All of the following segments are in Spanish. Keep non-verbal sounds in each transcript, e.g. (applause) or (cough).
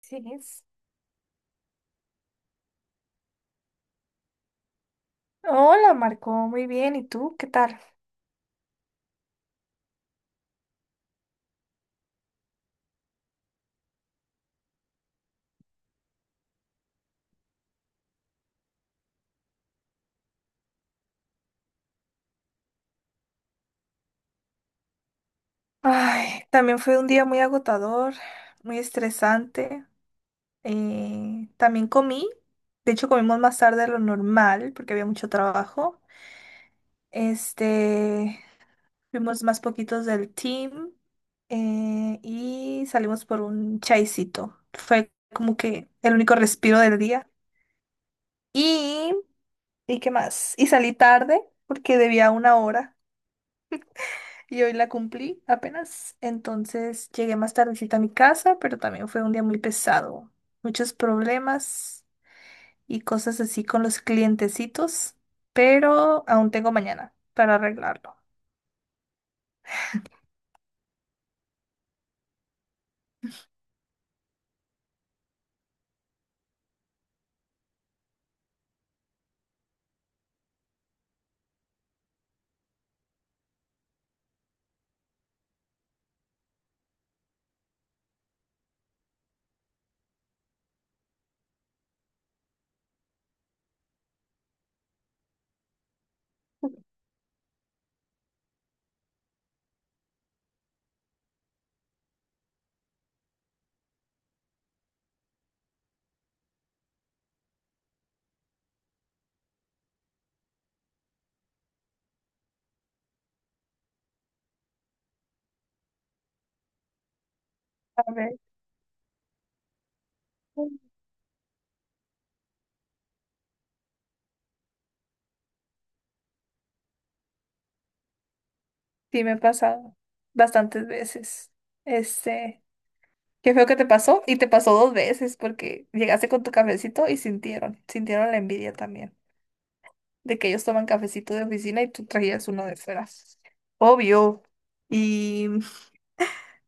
Sí. Es. Hola, Marco, muy bien. ¿Y tú? ¿Qué tal? Ay, también fue un día muy agotador, muy estresante. También comí, de hecho comimos más tarde de lo normal porque había mucho trabajo. Este, Fuimos más poquitos del team y salimos por un chaisito. Fue como que el único respiro del día. Y, ¿Y qué más? Y salí tarde porque debía una hora. Y hoy la cumplí apenas, entonces llegué más tardecita a mi casa, pero también fue un día muy pesado. Muchos problemas y cosas así con los clientecitos, pero aún tengo mañana para arreglarlo. A ver, sí me ha pasado bastantes veces. Este, Qué feo que te pasó, y te pasó dos veces porque llegaste con tu cafecito y sintieron la envidia también de que ellos toman cafecito de oficina y tú traías uno de fuera. Obvio. Y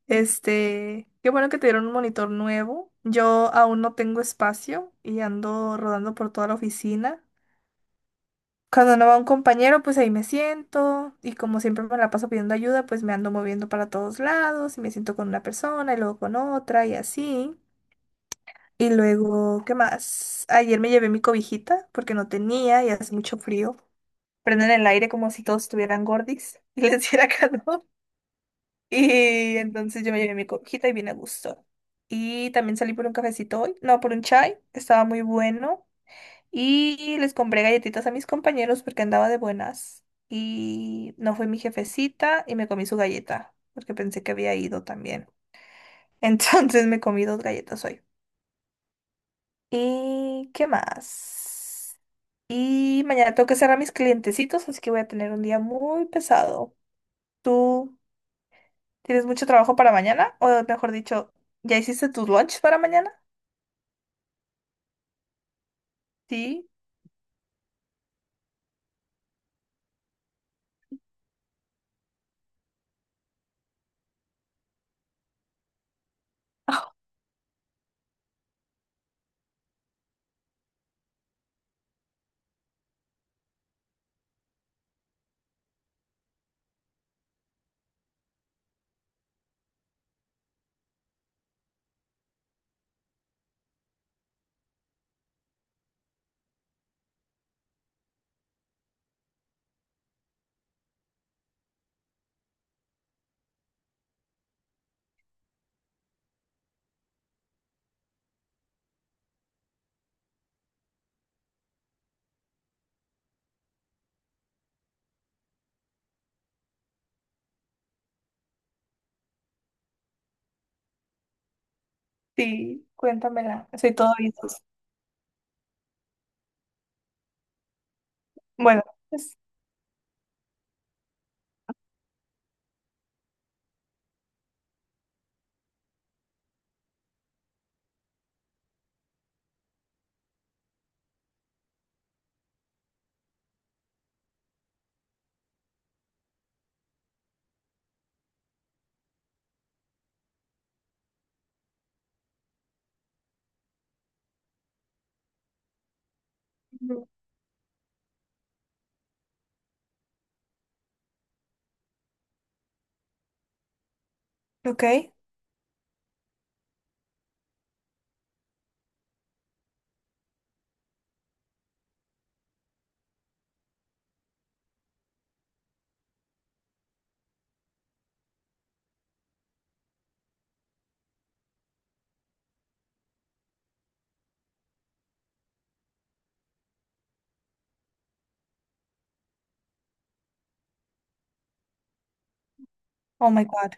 Qué bueno que te dieron un monitor nuevo. Yo aún no tengo espacio y ando rodando por toda la oficina. Cuando no va un compañero, pues ahí me siento, y como siempre me la paso pidiendo ayuda, pues me ando moviendo para todos lados y me siento con una persona y luego con otra y así. Y luego, ¿qué más? Ayer me llevé mi cobijita porque no tenía y hace mucho frío. Prenden el aire como si todos estuvieran gordis y les diera (laughs) calor. Y entonces yo me llevé mi cojita y bien a gusto. Y también salí por un cafecito hoy, no, por un chai, estaba muy bueno. Y les compré galletitas a mis compañeros porque andaba de buenas. Y no fue mi jefecita y me comí su galleta porque pensé que había ido también. (laughs) Entonces me comí dos galletas hoy. ¿Y qué más? Y mañana tengo que cerrar mis clientecitos, así que voy a tener un día muy pesado. ¿Tú? ¿Tienes mucho trabajo para mañana? O mejor dicho, ¿ya hiciste tus lunch para mañana? Sí. (laughs) Sí, cuéntamela. Soy todo oídos. Bueno, pues, ujú. Ok. Oh my God.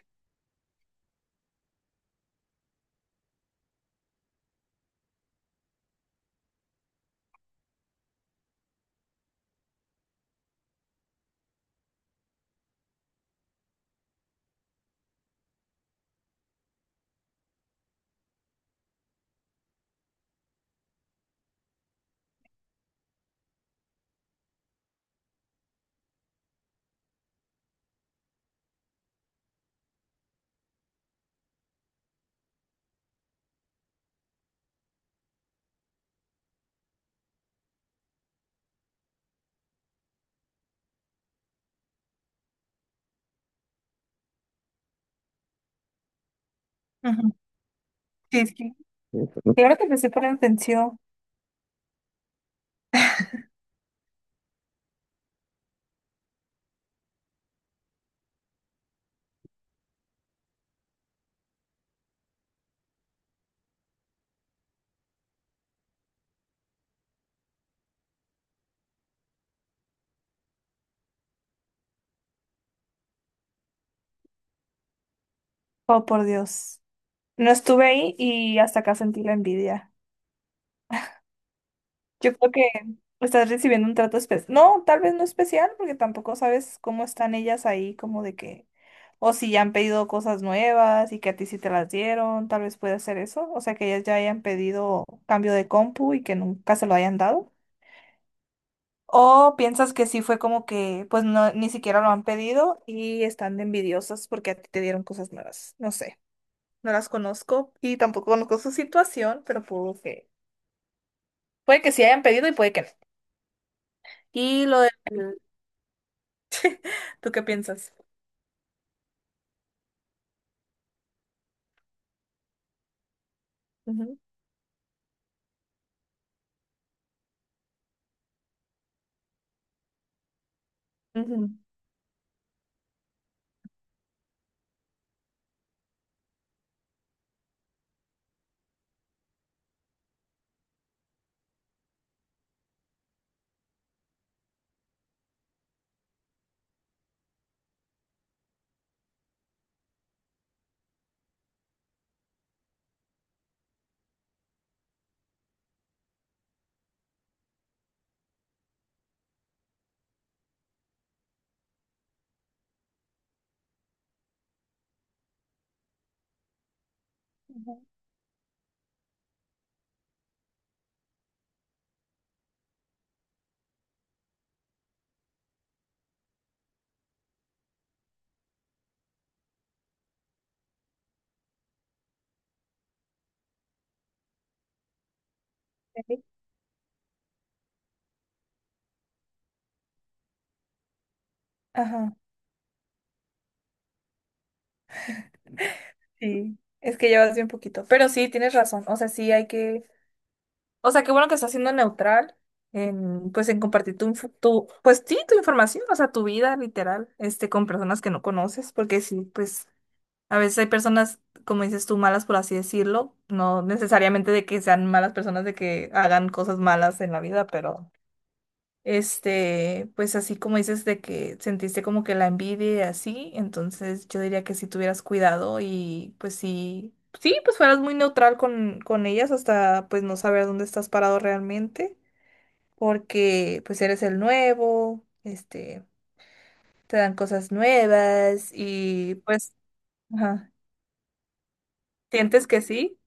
Ujú. Sí, es que- Claro que empecé por atención. Oh, por Dios. No estuve ahí y hasta acá sentí la envidia. Yo creo que estás recibiendo un trato especial. No, tal vez no especial, porque tampoco sabes cómo están ellas ahí, o si ya han pedido cosas nuevas y que a ti sí te las dieron, tal vez puede ser eso. O sea, que ellas ya hayan pedido cambio de compu y que nunca se lo hayan dado. O piensas que sí fue como que, pues no, ni siquiera lo han pedido y están de envidiosas porque a ti te dieron cosas nuevas. No sé, no las conozco y tampoco conozco su situación, pero puede que sí hayan pedido y puede que no. Y lo del ¿Tú qué piensas? Ujú, ujú, ujú, ok. Ajá, sí. Es que llevas bien poquito. Pero sí, tienes razón. O sea, sí hay que. O sea, qué bueno que estás siendo neutral en, pues, en compartir tu pues sí, tu información, o sea, tu vida literal, este, con personas que no conoces, porque sí, pues, a veces hay personas, como dices tú, malas, por así decirlo, no necesariamente de que sean malas personas, de que hagan cosas malas en la vida, pero este, pues así como dices de que sentiste como que la envidia y así, entonces yo diría que si tuvieras cuidado y pues sí, sí, pues fueras muy neutral con ellas hasta pues no saber dónde estás parado realmente, porque pues eres el nuevo, este, te dan cosas nuevas y pues, ajá, sientes que sí.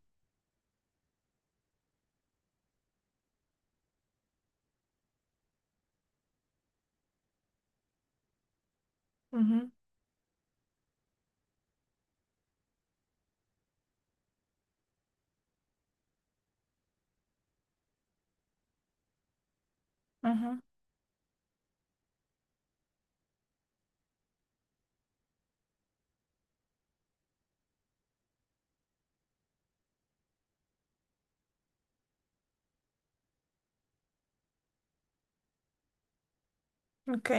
Ujú, ujú, ok,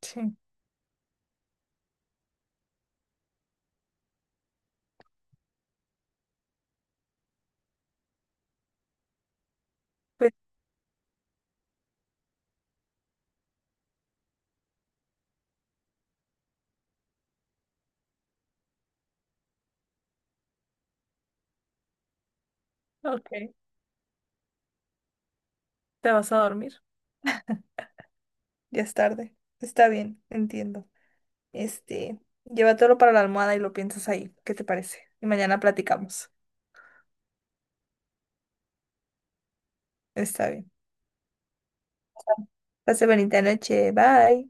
sí, pues ok, te vas a dormir, ya es tarde, está bien, entiendo. Este, llévatelo para la almohada y lo piensas ahí. ¿Qué te parece? Y mañana platicamos. Está bien. Pase bonita noche. Bye.